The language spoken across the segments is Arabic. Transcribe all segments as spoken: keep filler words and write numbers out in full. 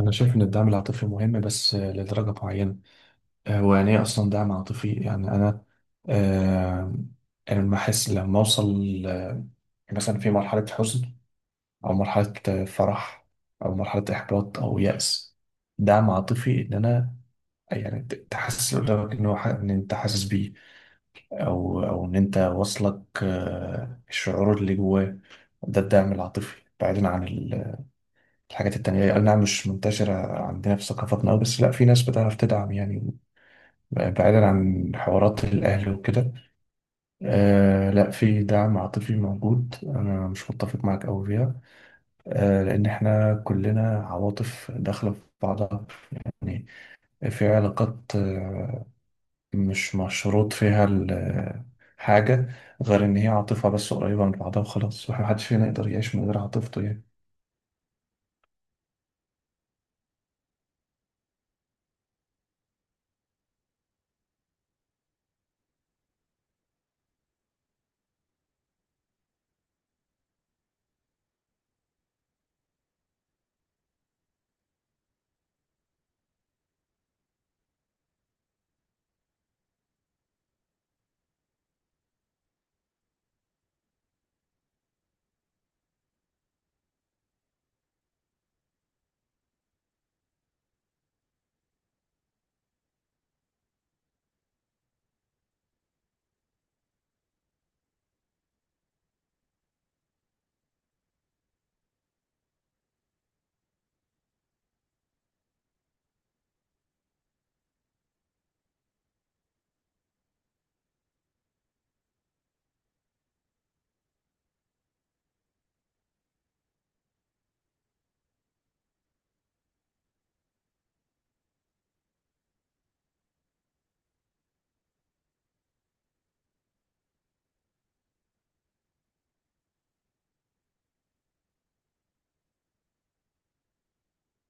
أنا شايف إن الدعم العاطفي مهم، بس آه، لدرجة معينة. آه، هو يعني إيه أصلا دعم عاطفي؟ يعني أنا آه، أنا لما أحس، لما أوصل آه، مثلا في مرحلة حزن، أو مرحلة آه، فرح، أو مرحلة إحباط أو يأس. دعم عاطفي إن أنا يعني ت- تحسس اللي قدامك إن هو ح- إن أنت حاسس بيه، أو أو إن أنت واصلك آه، الشعور اللي جواه. ده الدعم العاطفي بعيدا عن الحاجات التانية. أي نعم، مش منتشرة عندنا في ثقافتنا أوي، بس لأ، في ناس بتعرف تدعم يعني، بعيدا عن حوارات الأهل وكده. آه، لأ، في دعم عاطفي موجود، أنا مش متفق معاك أوي فيها. آه، لأن إحنا كلنا عواطف داخلة في بعضها يعني. في علاقات آه، مش مشروط فيها ال- آه، حاجة، غير إن هي عاطفة، بس قريبة من بعضها وخلاص. محدش فينا يقدر يعيش من غير عاطفته يعني.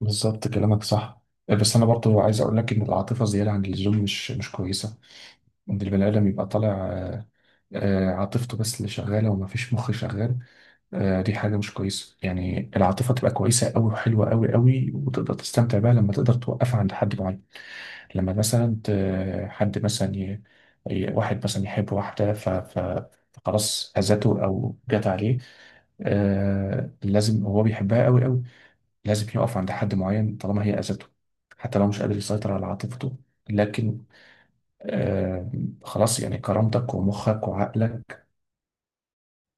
بالظبط كلامك صح. آه، بس انا برضو عايز اقول لك ان العاطفه زياده عن اللزوم مش مش كويسه، ان البني ادم يبقى طالع آه، آه، عاطفته بس اللي شغاله، وما فيش مخ شغال. آه، دي حاجه مش كويسه. يعني العاطفه تبقى كويسه قوي، وحلوه قوي قوي، وتقدر تستمتع بيها لما تقدر توقفها عند حد معين. لما مثلا ت- حد مثلا ي... ي- واحد مثلا يحب واحده ف... ف... فخلاص اذته او جت عليه. آه، لازم هو بيحبها قوي قوي، لازم يقف عند حد معين طالما هي أذته، حتى لو مش قادر يسيطر على عاطفته. لكن آه خلاص يعني. كرامتك ومخك وعقلك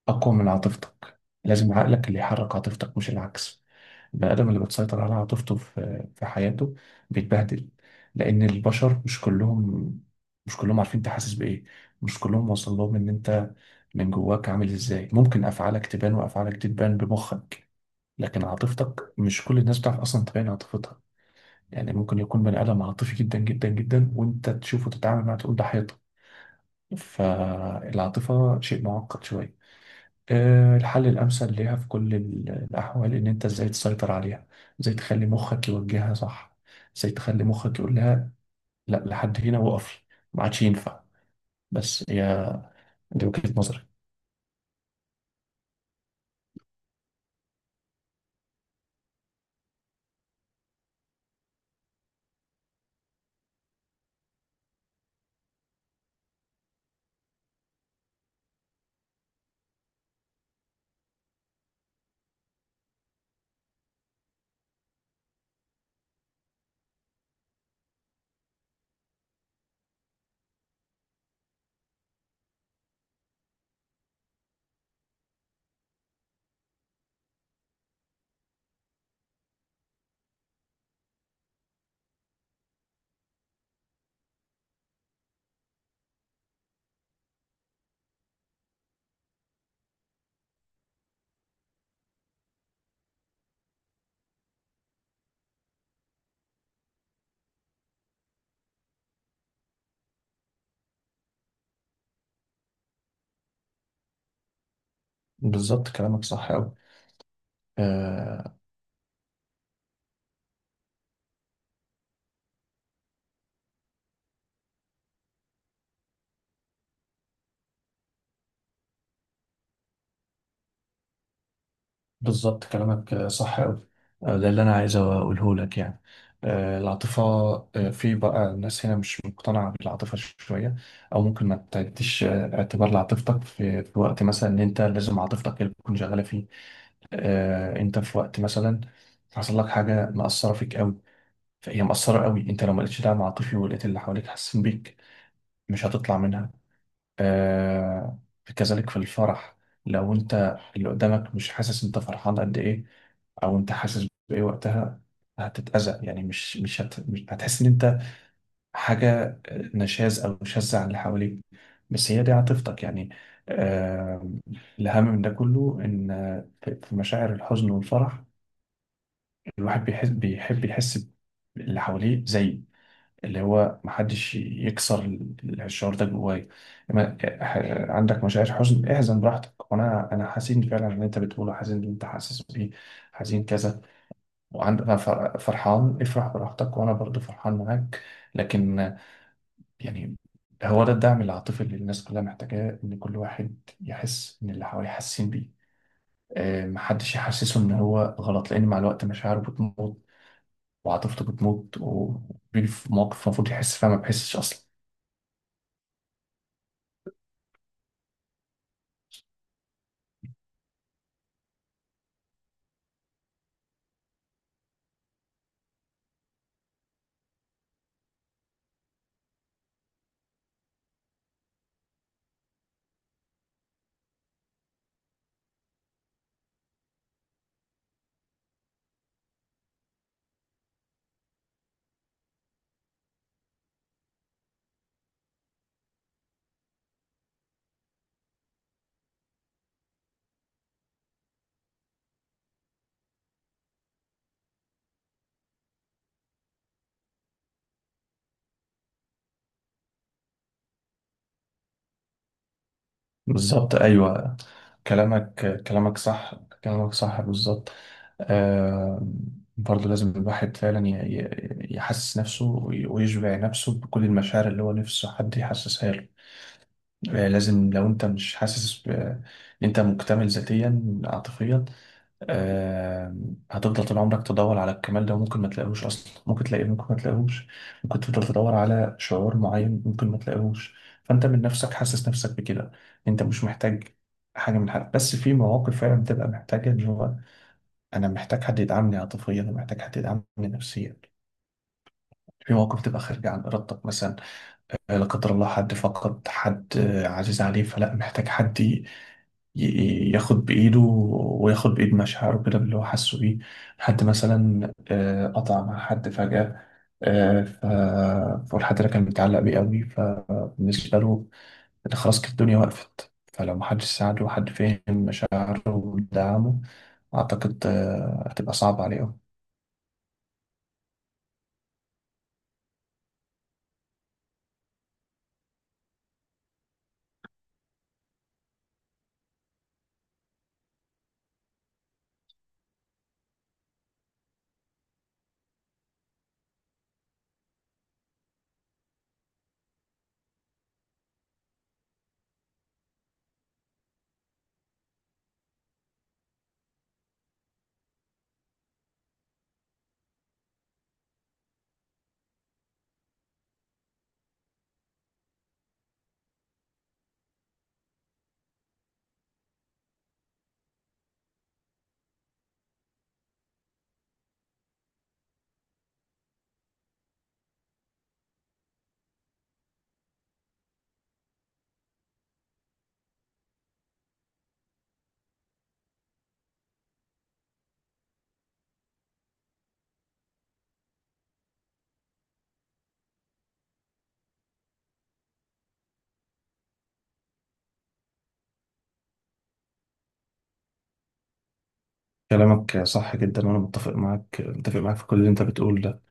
أقوى من عاطفتك. لازم عقلك اللي يحرك عاطفتك مش العكس. البني آدم اللي بتسيطر على عاطفته في في حياته بيتبهدل، لأن البشر مش كلهم مش كلهم عارفين أنت حاسس بإيه، مش كلهم واصل لهم إن أنت من جواك عامل إزاي. ممكن أفعالك تبان، وأفعالك تبان بمخك، لكن عاطفتك مش كل الناس بتعرف أصلا تبين عاطفتها. يعني ممكن يكون بني آدم عاطفي جدا جدا جدا، وانت تشوفه تتعامل معاه تقول ده حيطة. فالعاطفة شيء معقد شوية. آه، الحل الأمثل ليها في كل ال- الأحوال إن أنت إزاي تسيطر عليها، إزاي تخلي مخك يوجهها صح، إزاي تخلي مخك يقول لها لا، لحد هنا وقفي، ما عادش ينفع. بس هي دي وجهة نظري. بالظبط كلامك صح أوي. آه، بالظبط كلامك صح أوي. ده اللي أنا عايز أقوله لك يعني. آه، العاطفة، آه، في بقى ناس هنا مش مقتنعة بالعاطفة شوية، أو ممكن ما تديش آه، اعتبار لعاطفتك في في وقت مثلا، إن أنت لازم عاطفتك هي اللي تكون شغالة فيه. آه، أنت في وقت مثلا حصل لك حاجة مأثرة فيك أوي، فهي مأثرة أوي. أنت لو ما لقيتش دعم عاطفي، ولقيت اللي حواليك حاسين بيك، مش هتطلع منها. آه كذلك في الفرح، لو انت اللي قدامك مش حاسس انت فرحان قد ايه، او انت حاسس بايه وقتها، هتتأذى. يعني مش مش, هت... مش هتحس ان انت حاجة آه، نشاز او شاذة عن اللي حواليك. بس هي دي عاطفتك يعني. آه الاهم من ده كله ان في في مشاعر الحزن والفرح، الواحد بيحس، بيحب يحس باللي حواليه زيه. اللي هو محدش يكسر ال- الشعور ده جوايا. ما- ح- عندك مشاعر حزن، احزن براحتك، وانا انا حزين فعلا اللي انت بتقوله، حزين اللي انت حاسس بيه، حزين كذا. وعندك فرحان، افرح براحتك، وانا برضو فرحان معاك. لكن آه، يعني هو ده الدعم العاطفي اللي الناس كلها محتاجاه، ان كل واحد يحس ان اللي حواليه حاسين بيه. آه، محدش يحسسه ان هو غلط، لان مع الوقت مشاعره بتموت، وعاطفته بتموت، وبيجي في مواقف المفروض يحس فيها ما بيحسش اصلا. بالظبط، ايوه، كلامك كلامك صح، كلامك صح بالظبط. آه برضه لازم الواحد فعلا ي- ي- يحسس نفسه وي- ويشبع نفسه بكل المشاعر اللي هو نفسه حد يحسسها له. آه، لازم لو انت مش حاسس ب- انت مكتمل ذاتيا عاطفيا. آه، هتفضل طول عمرك تدور على الكمال ده، وممكن ما تلاقيهوش اصلا. ممكن تلاقيه، ممكن ما تلاقيهوش. ممكن تفضل تدور على شعور معين، ممكن ما تلاقيهوش. فانت من نفسك حاسس نفسك بكده، انت مش محتاج حاجه من حد. بس في مواقف فعلا بتبقى محتاجه، اللي هو انا محتاج حد يدعمني عاطفيا، ومحتاج حد يدعمني نفسيا، في مواقف تبقى خارجه عن ارادتك، مثلا لا قدر الله حد فقد حد عزيز عليه، فلا محتاج حد ي- ي- ياخد بإيده، وياخد بإيد مشاعره كده، باللي هو حاسه بيه. حد مثلا آه، قطع مع حد فجأة، آه، ف- فالحد ده كان متعلق بيه قوي، فبالنسبة له إن خلاص كده الدنيا وقفت. فلو محدش ساعده، وحد فهم مشاعره ودعمه، أعتقد آه، هتبقى صعبة عليه أوي. كلامك صح جدا، وأنا متفق معاك، متفق معاك في كل اللي أنت بتقوله ده